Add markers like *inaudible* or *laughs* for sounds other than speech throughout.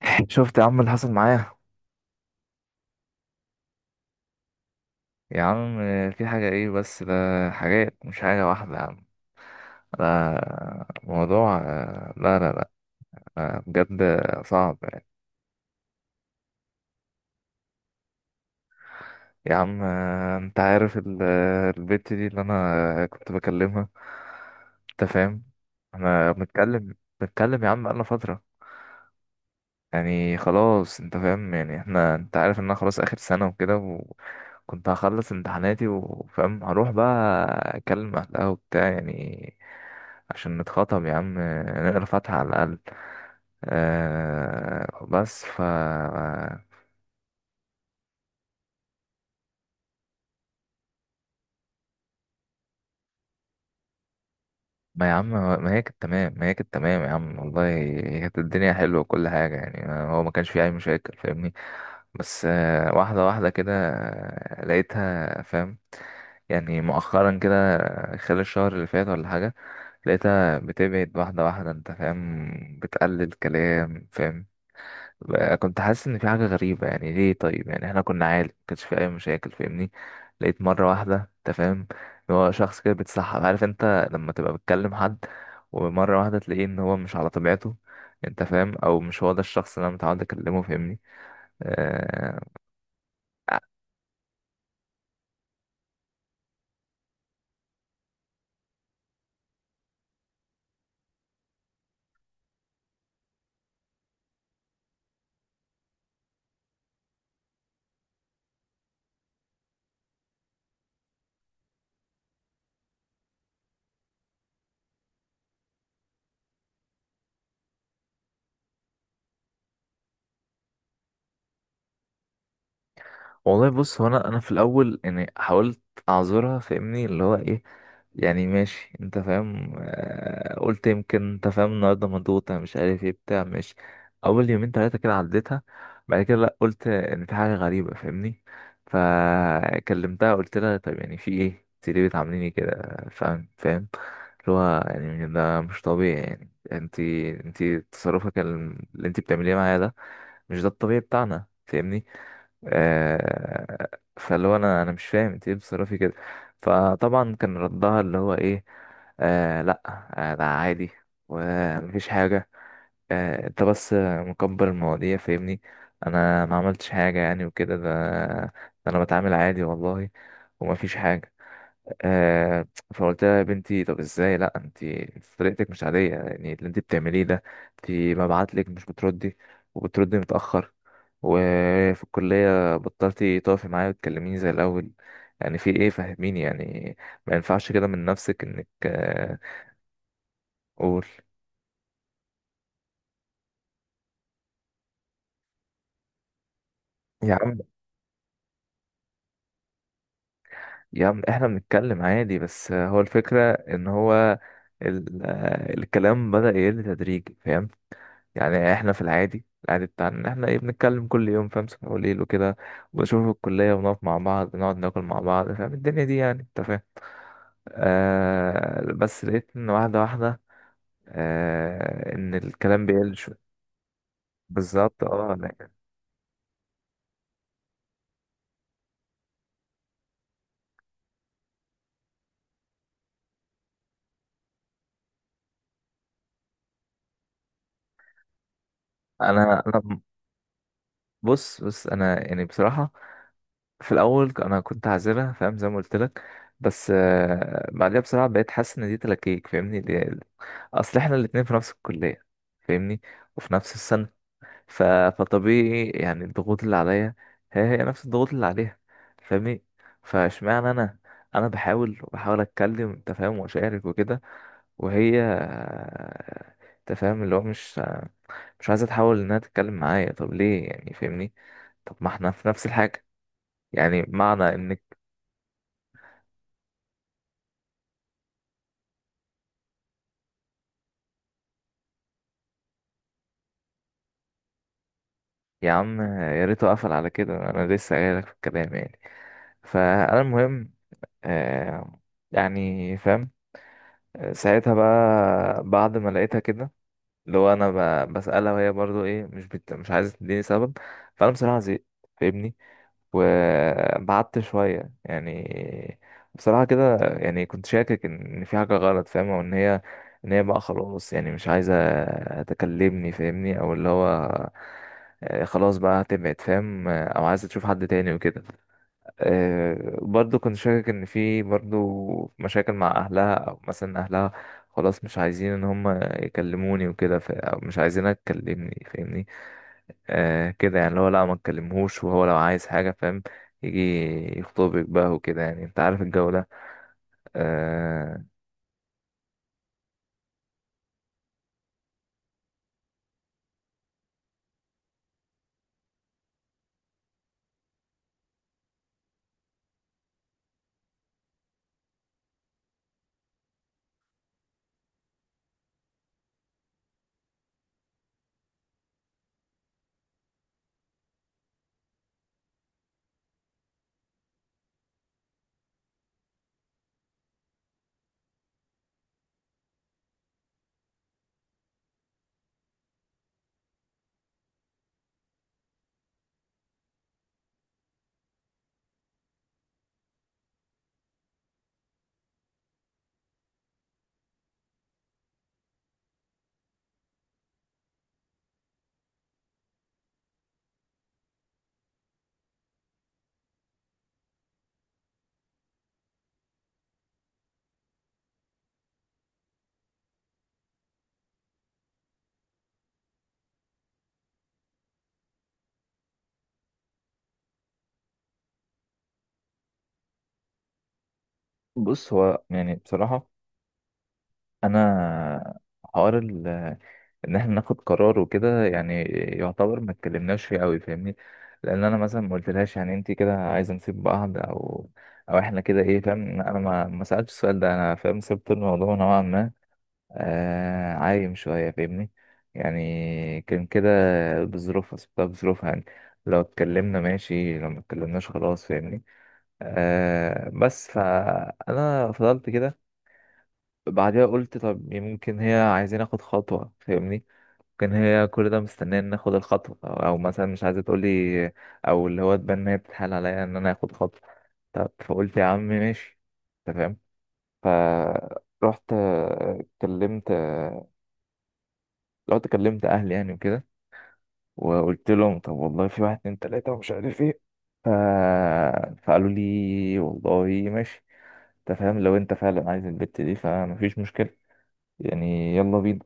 *laughs* شفت يا عم اللي حصل معايا. يا عم، في حاجة ايه بس ده. حاجات مش حاجة واحدة يا عم. لا موضوع لا لا لا. بجد صعب يعني. يا عم، انت عارف البت دي اللي انا كنت بكلمها. انت فاهم؟ احنا بنتكلم يا عم بقالنا فترة. يعني خلاص انت فاهم، يعني احنا انت عارف ان انا خلاص اخر سنة وكده، وكنت هخلص امتحاناتي وفاهم هروح بقى اكلم اهلها وبتاع، يعني عشان نتخطب يا عم، نقرا فاتحة على الاقل. أه بس ف ما يا عم، ما هي كانت تمام يا عم، والله هي كانت الدنيا حلوة وكل حاجة، يعني هو ما كانش فيه أي مشاكل فاهمني. بس واحدة واحدة كده، لقيتها فاهم، يعني مؤخرا كده، خلال الشهر اللي فات ولا حاجة. لقيتها بتبعد واحدة واحدة انت فاهم، بتقلل كلام فاهم. بقى كنت حاسس ان في حاجة غريبة، يعني ليه؟ طيب يعني احنا كنا عادي مكانش في اي مشاكل فاهمني. لقيت مرة واحدة انت فاهم، ان هو شخص كده بيتسحب، عارف انت لما تبقى بتكلم حد ومرة واحدة تلاقيه ان هو مش على طبيعته، انت فاهم؟ او مش هو ده الشخص اللي انا متعود اكلمه فاهمني. أه. والله بص، هو انا في الاول يعني حاولت اعذرها فاهمني، اللي هو ايه يعني ماشي انت فاهم، قلت يمكن انت فاهم النهارده مضغوطة مش عارف ايه بتاع ماشي. اول يومين تلاتة كده عديتها. بعد كده لا، قلت ان في حاجة غريبة فاهمني. فكلمتها قلت لها طيب يعني في ايه، انت ليه بتعامليني كده فاهم فاهم، اللي هو يعني ده مش طبيعي، يعني انت اللي انت بتعمليه معايا ده مش ده الطبيعي بتاعنا فاهمني. آه فاللي هو انا مش فاهم انت ليه بتصرفي كده. فطبعا كان ردها اللي هو ايه، لا ده عادي ومفيش حاجة، انت بس مكبر المواضيع فاهمني، انا ما عملتش حاجة يعني وكده، ده انا بتعامل عادي والله ومفيش حاجة. آه فقلت لها يا بنتي طب ازاي، لا انت طريقتك مش عاديه، يعني اللي انت بتعمليه ده، انت ببعت لك مش بتردي، وبتردي متاخر، وفي الكليه بطلتي تقفي معايا وتكلميني زي الاول، يعني في ايه فهميني يعني؟ ما ينفعش كده من نفسك انك. قول. يا عم يا عم، احنا بنتكلم عادي بس هو الفكره ان هو الكلام بدأ يقل تدريجي فاهم. يعني احنا في العادي العادي بتاعنا ان احنا ايه بنتكلم كل يوم فاهم، صبح وليل وكده، وبنشوف الكلية ونقف مع بعض نقعد ناكل مع بعض فاهم الدنيا دي، يعني انت فاهم. بس لقيت ان واحدة واحدة، ان الكلام بيقل شوية. بالظبط اه يعني. انا انا بص بص، انا يعني بصراحة في الاول انا كنت عازلة فاهم، زي ما قلت لك. بس بعدها بصراحة بقيت حاسس ان دي تلاكيك فاهمني، اصل احنا الاتنين في نفس الكلية فاهمني، وفي نفس السنة. ف... فطبيعي يعني الضغوط اللي عليا هي هي نفس الضغوط اللي عليها فاهمني. فاشمعنى انا، انا بحاول وبحاول اتكلم انت فاهم واشارك وكده، وهي انت فاهم، اللي هو مش عايزه تحاول انها تتكلم معايا، طب ليه يعني فاهمني؟ طب ما احنا في نفس الحاجه، يعني معنى انك. يا عم، يا ريته قفل على كده، انا لسه جايلك في الكلام يعني. فانا المهم، آه يعني فاهم، ساعتها بقى بعد ما لقيتها كده، اللي هو انا بسألها وهي برضو ايه، مش عايزة تديني سبب. فانا بصراحة زهقت فاهمني، وبعدت شوية يعني. بصراحة كده، يعني كنت شاكك ان في حاجة غلط فاهم، وان هي، ان هي بقى خلاص يعني مش عايزة تكلمني فاهمني، او اللي هو خلاص بقى هتبعد فاهم، او عايزة تشوف حد تاني وكده. برضو كنت شاكك ان في برضو مشاكل مع اهلها، او مثلا اهلها خلاص مش عايزين ان هم يكلموني وكده، او مش عايزينها تكلمني فاهمني. كده يعني، اللي هو لا ما تكلمهوش، وهو لو عايز حاجة فاهم يجي يخطبك بقى وكده، يعني انت عارف الجو ده. آه. بص، هو يعني بصراحة، أنا حوار ال- ان احنا ناخد قرار وكده، يعني يعتبر ما اتكلمناش فيه قوي فاهمني. لان انا مثلا ما قلتلهاش يعني انت كده عايزه نسيب بعض او احنا كده ايه فاهم، انا ما سالتش السؤال ده، انا فاهم سبت الموضوع نوعا ما عايم شويه فاهمني. يعني كان كده بظروفها، سبتها بظروفها يعني، لو اتكلمنا ماشي لو ما اتكلمناش خلاص فاهمني. بس فانا فضلت كده. بعدها قلت طب يمكن هي عايزين اخد خطوه فاهمني، كان هي كل ده مستنيه ان اخد الخطوه، او مثلا مش عايزه تقولي، او اللي هو تبان ان هي بتتحايل عليا ان انا اخد خطوه. طب فقلت يا عم ماشي، انت فاهم. فرحت آه، كلمت آه، رحت كلمت اهلي يعني وكده، وقلت لهم طب والله في واحد اتنين تلاته ومش عارف ايه. ف... فقالوا لي والله ماشي انت فاهم، لو انت فعلا عايز البت دي فمفيش مشكله يعني، يلا بينا.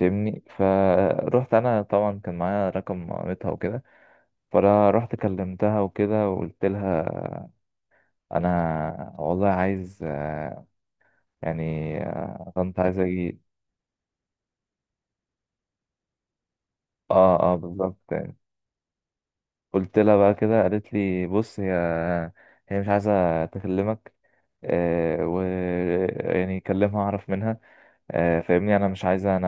فاهمني. فروحت انا، طبعا كان معايا رقم مامتها وكده، فانا رحت كلمتها وكده وقلت لها انا والله عايز يعني كنت عايز اجي. اه اه بالظبط يعني. قلت لها بقى كده، قالت لي بص هي مش عايزه تكلمك آه و يعني كلمها اعرف منها. فاهمني، انا مش عايزه انا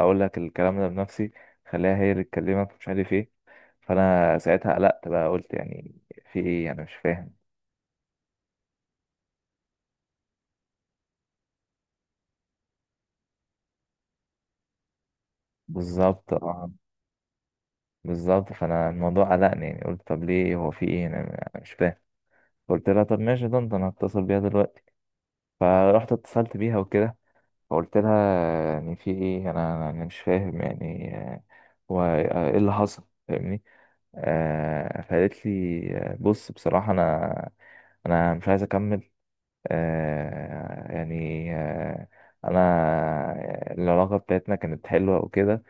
اقول لك الكلام ده بنفسي، خليها هي اللي تكلمك مش عارف ايه. فانا ساعتها قلقت بقى، قلت يعني في ايه، انا مش فاهم. بالظبط اه. بالظبط، فانا الموضوع قلقني يعني، قلت طب ليه، هو في ايه، انا مش فاهم. قلت لها طب ماشي، ده انا هتصل بيها دلوقتي. فرحت اتصلت بيها وكده، فقلت لها يعني في ايه، انا مش فاهم يعني، هو ايه اللي حصل فاهمني. فقالت لي بص بصراحة انا مش عايز اكمل، آه يعني آه انا العلاقة بتاعتنا كانت حلوة وكده،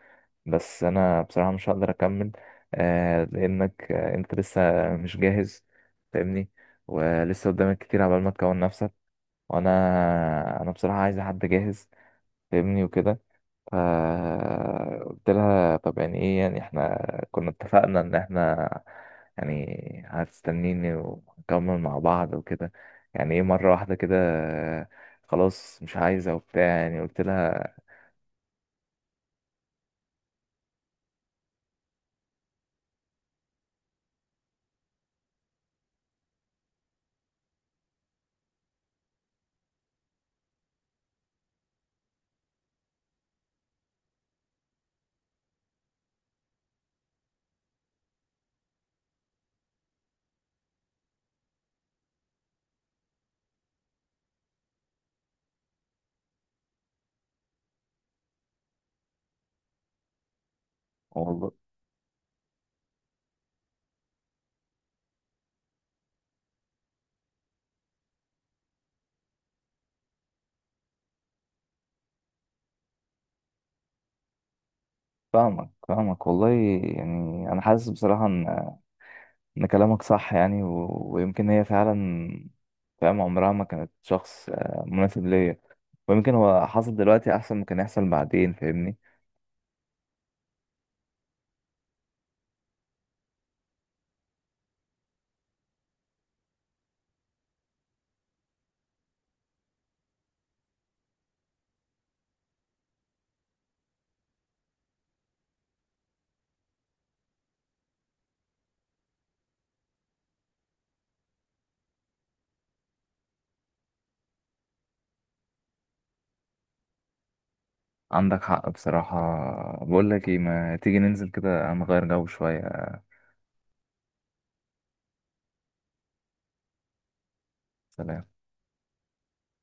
بس انا بصراحة مش هقدر اكمل، لانك انت لسه مش جاهز فاهمني، ولسه قدامك كتير عبال ما تكون نفسك، وانا انا بصراحة عايز حد جاهز فاهمني وكده. فقلت لها طب يعني ايه، يعني احنا كنا اتفقنا ان احنا يعني هتستنيني ونكمل مع بعض وكده، يعني ايه مرة واحدة كده آه، خلاص مش عايزة وبتاع، يعني قلت لها. والله فاهمك فاهمك، والله يعني انا حاسس بصراحه ان ان كلامك صح يعني ويمكن هي فعلا فاهم عمرها ما كانت شخص مناسب ليا، ويمكن هو حصل دلوقتي احسن ما كان يحصل بعدين فاهمني. عندك حق بصراحه. بقول لك ايه، ما تيجي ننزل كده نغير جو شويه. سلام.